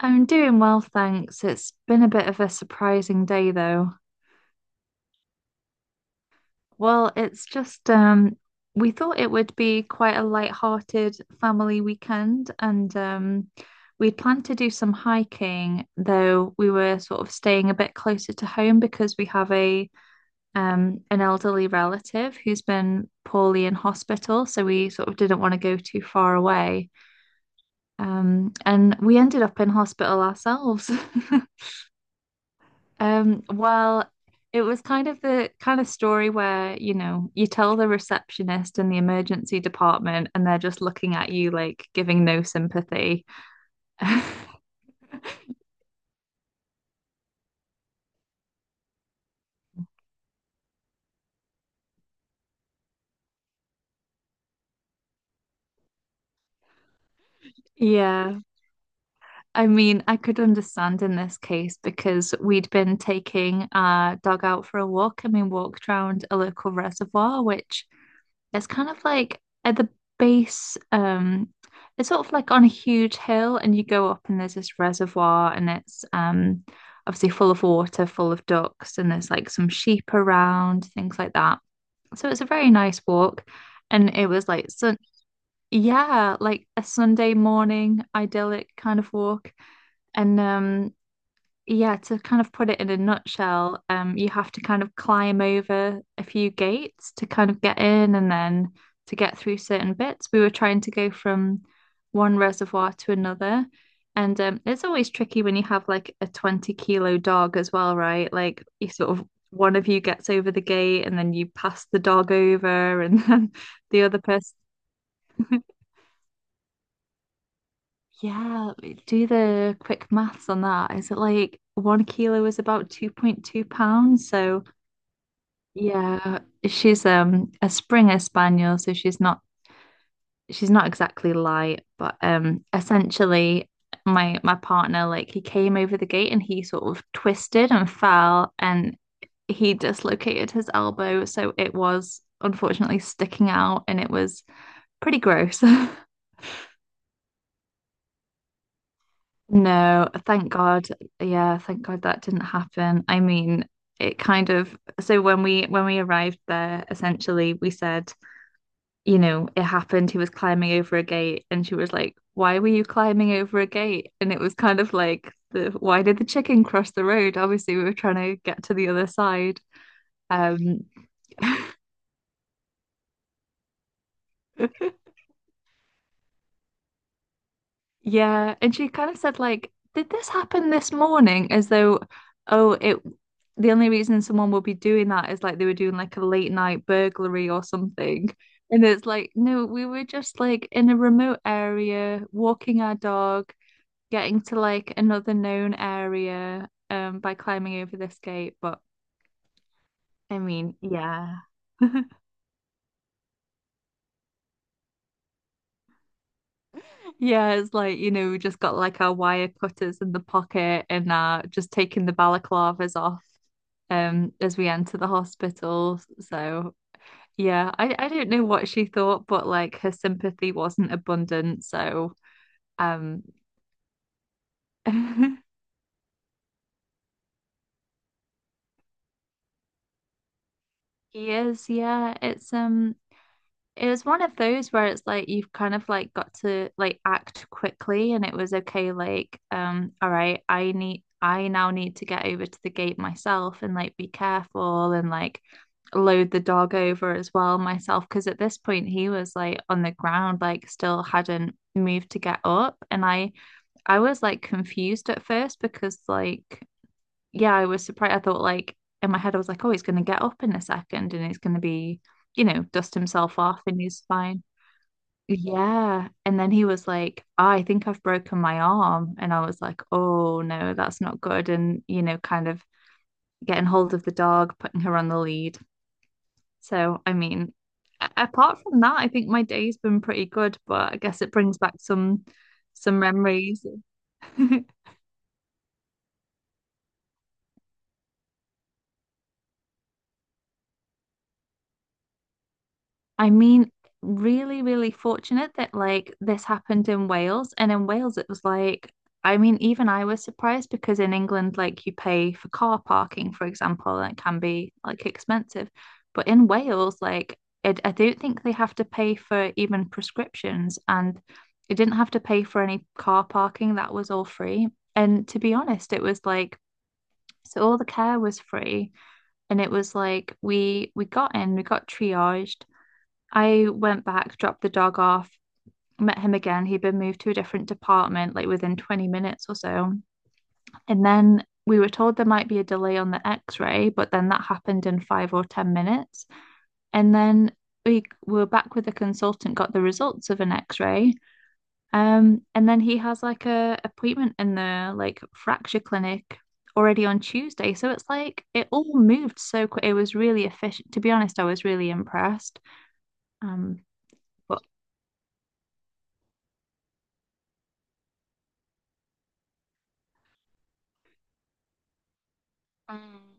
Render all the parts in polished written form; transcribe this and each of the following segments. I'm doing well, thanks. It's been a bit of a surprising day, though. Well, it's just we thought it would be quite a light-hearted family weekend, and we'd planned to do some hiking, though we were sort of staying a bit closer to home because we have a an elderly relative who's been poorly in hospital, so we sort of didn't want to go too far away. And we ended up in hospital ourselves. Well, it was kind of the kind of story where, you know, you tell the receptionist in the emergency department and they're just looking at you like giving no sympathy. Yeah. I mean, I could understand in this case because we'd been taking our dog out for a walk and we walked around a local reservoir, which it's kind of like at the base, it's sort of like on a huge hill, and you go up, and there's this reservoir, and it's obviously full of water, full of ducks, and there's like some sheep around, things like that. So it's a very nice walk. And it was like, sun yeah, like a Sunday morning idyllic kind of walk. And yeah, to kind of put it in a nutshell, you have to kind of climb over a few gates to kind of get in and then to get through certain bits. We were trying to go from one reservoir to another. And it's always tricky when you have like a 20-kilo dog as well, right? Like you sort of one of you gets over the gate and then you pass the dog over and then the other person. Yeah, do the quick maths on that. Is it like 1 kilo is about 2.2 pounds? So yeah, she's a Springer Spaniel, so she's not exactly light, but essentially my partner, like he came over the gate and he sort of twisted and fell and he dislocated his elbow, so it was unfortunately sticking out and it was pretty gross. No, thank God. Yeah, thank God that didn't happen. I mean, it kind of so when we arrived there, essentially we said, you know, it happened. He was climbing over a gate, and she was like, "Why were you climbing over a gate?" And it was kind of like, the, why did the chicken cross the road? Obviously, we were trying to get to the other side. Um, yeah. And she kind of said, like, "Did this happen this morning?" As though, oh, it, the only reason someone would be doing that is like they were doing like a late night burglary or something. And it's like, no, we were just like in a remote area walking our dog, getting to like another known area by climbing over this gate, but I mean, yeah. Yeah, it's like, you know, we just got like our wire cutters in the pocket and just taking the balaclavas off as we enter the hospital. So yeah, I don't know what she thought, but like her sympathy wasn't abundant, so um he is, yeah. It was one of those where it's like you've kind of like got to like act quickly and it was okay like all right, I need I now need to get over to the gate myself and like be careful and like load the dog over as well myself because at this point he was like on the ground like still hadn't moved to get up and I was like confused at first because like yeah, I was surprised. I thought like in my head, I was like, oh, he's going to get up in a second and he's going to be, you know, dust himself off and he's fine. Yeah. And then he was like, "Ah, I think I've broken my arm." And I was like, oh no, that's not good. And, you know, kind of getting hold of the dog, putting her on the lead. So, I mean, apart from that, I think my day's been pretty good, but I guess it brings back some memories. I mean, really, really fortunate that like this happened in Wales. And in Wales, it was like, I mean, even I was surprised because in England, like you pay for car parking, for example, and it can be like expensive. But in Wales, like it, I don't think they have to pay for even prescriptions, and it didn't have to pay for any car parking. That was all free. And to be honest, it was like, so all the care was free. And it was like we got in, we got triaged, I went back, dropped the dog off, met him again. He'd been moved to a different department like within 20 minutes or so. And then we were told there might be a delay on the x ray, but then that happened in 5 or 10 minutes. And then we were back with the consultant, got the results of an x ray. And then he has like a appointment in the like fracture clinic already on Tuesday. So it's like it all moved so quick. It was really efficient. To be honest, I was really impressed. Um, but Mm.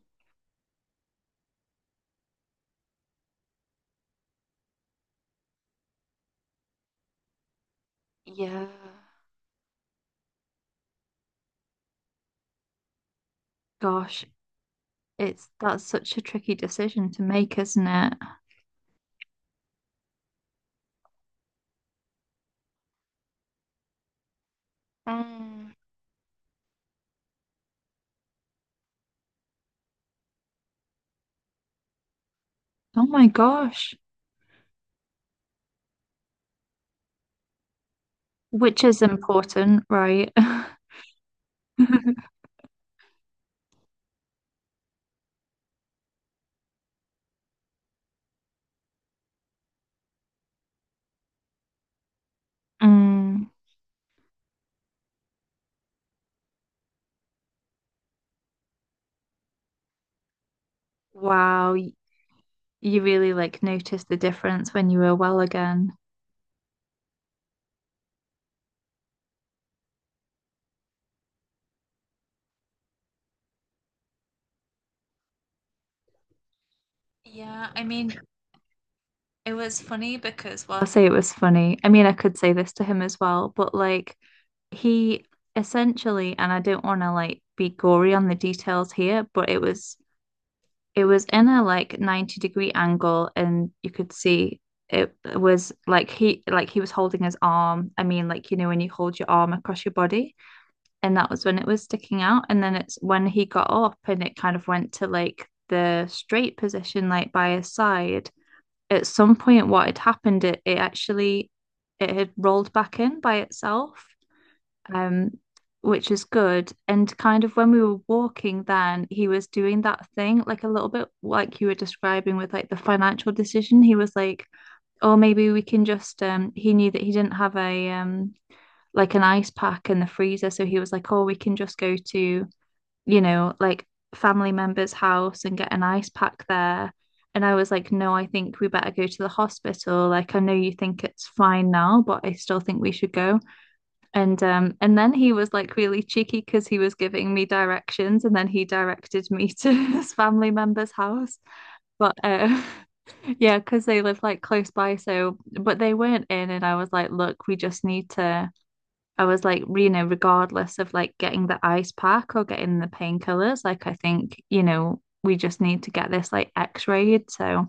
Yeah. Gosh, it's that's such a tricky decision to make, isn't it? Mm. Oh my gosh. Which is important, right? Mm. Wow, you really like noticed the difference when you were well again. Yeah, I mean, it was funny because I well, I say it was funny. I mean, I could say this to him as well, but like he essentially, and I don't want to like be gory on the details here, but it was in a like 90-degree angle and you could see it was like he was holding his arm. I mean, like you know when you hold your arm across your body, and that was when it was sticking out. And then it's when he got up and it kind of went to like the straight position, like by his side. At some point, what had happened, it actually it had rolled back in by itself, um, which is good. And kind of when we were walking, then he was doing that thing, like a little bit like you were describing with like the financial decision. He was like, "Oh, maybe we can just." He knew that he didn't have a like an ice pack in the freezer, so he was like, "Oh, we can just go to, you know, like family member's house and get an ice pack there." And I was like, no, I think we better go to the hospital. Like, I know you think it's fine now, but I still think we should go. And then he was like really cheeky because he was giving me directions and then he directed me to his family member's house. But yeah, because they live like close by, so but they weren't in and I was like, look, we just need to I was like, you know, regardless of like getting the ice pack or getting the painkillers, like I think, you know, we just need to get this like x-rayed. So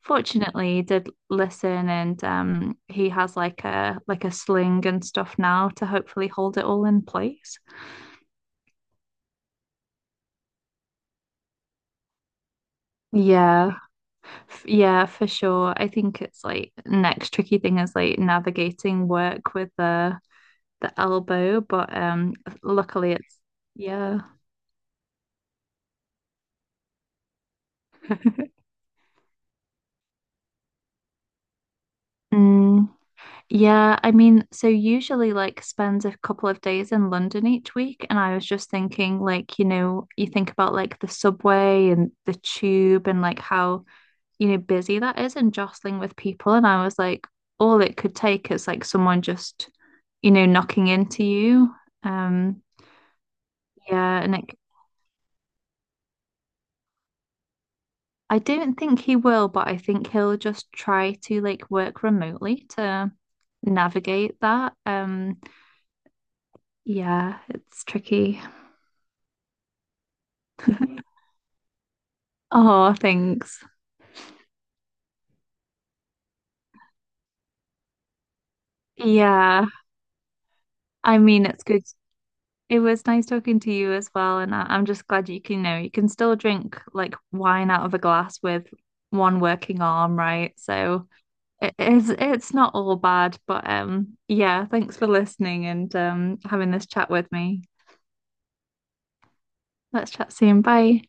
fortunately he did listen and he has like a sling and stuff now to hopefully hold it all in place. Yeah. Yeah, for sure. I think it's like next tricky thing is like navigating work with the elbow, but luckily it's yeah. Mm. Yeah, I mean, so usually like spends a couple of days in London each week, and I was just thinking like, you know, you think about like the subway and the tube and like how, you know, busy that is and jostling with people, and I was like, all it could take is like someone just, you know, knocking into you. Um, yeah, and like I don't think he will, but I think he'll just try to like work remotely to navigate that. Yeah, it's tricky. Oh, thanks. Yeah, I mean, it's good. It was nice talking to you as well, and I'm just glad you can, you know, you can still drink like wine out of a glass with one working arm, right? So it is, it's not all bad, but yeah, thanks for listening and having this chat with me. Let's chat soon. Bye.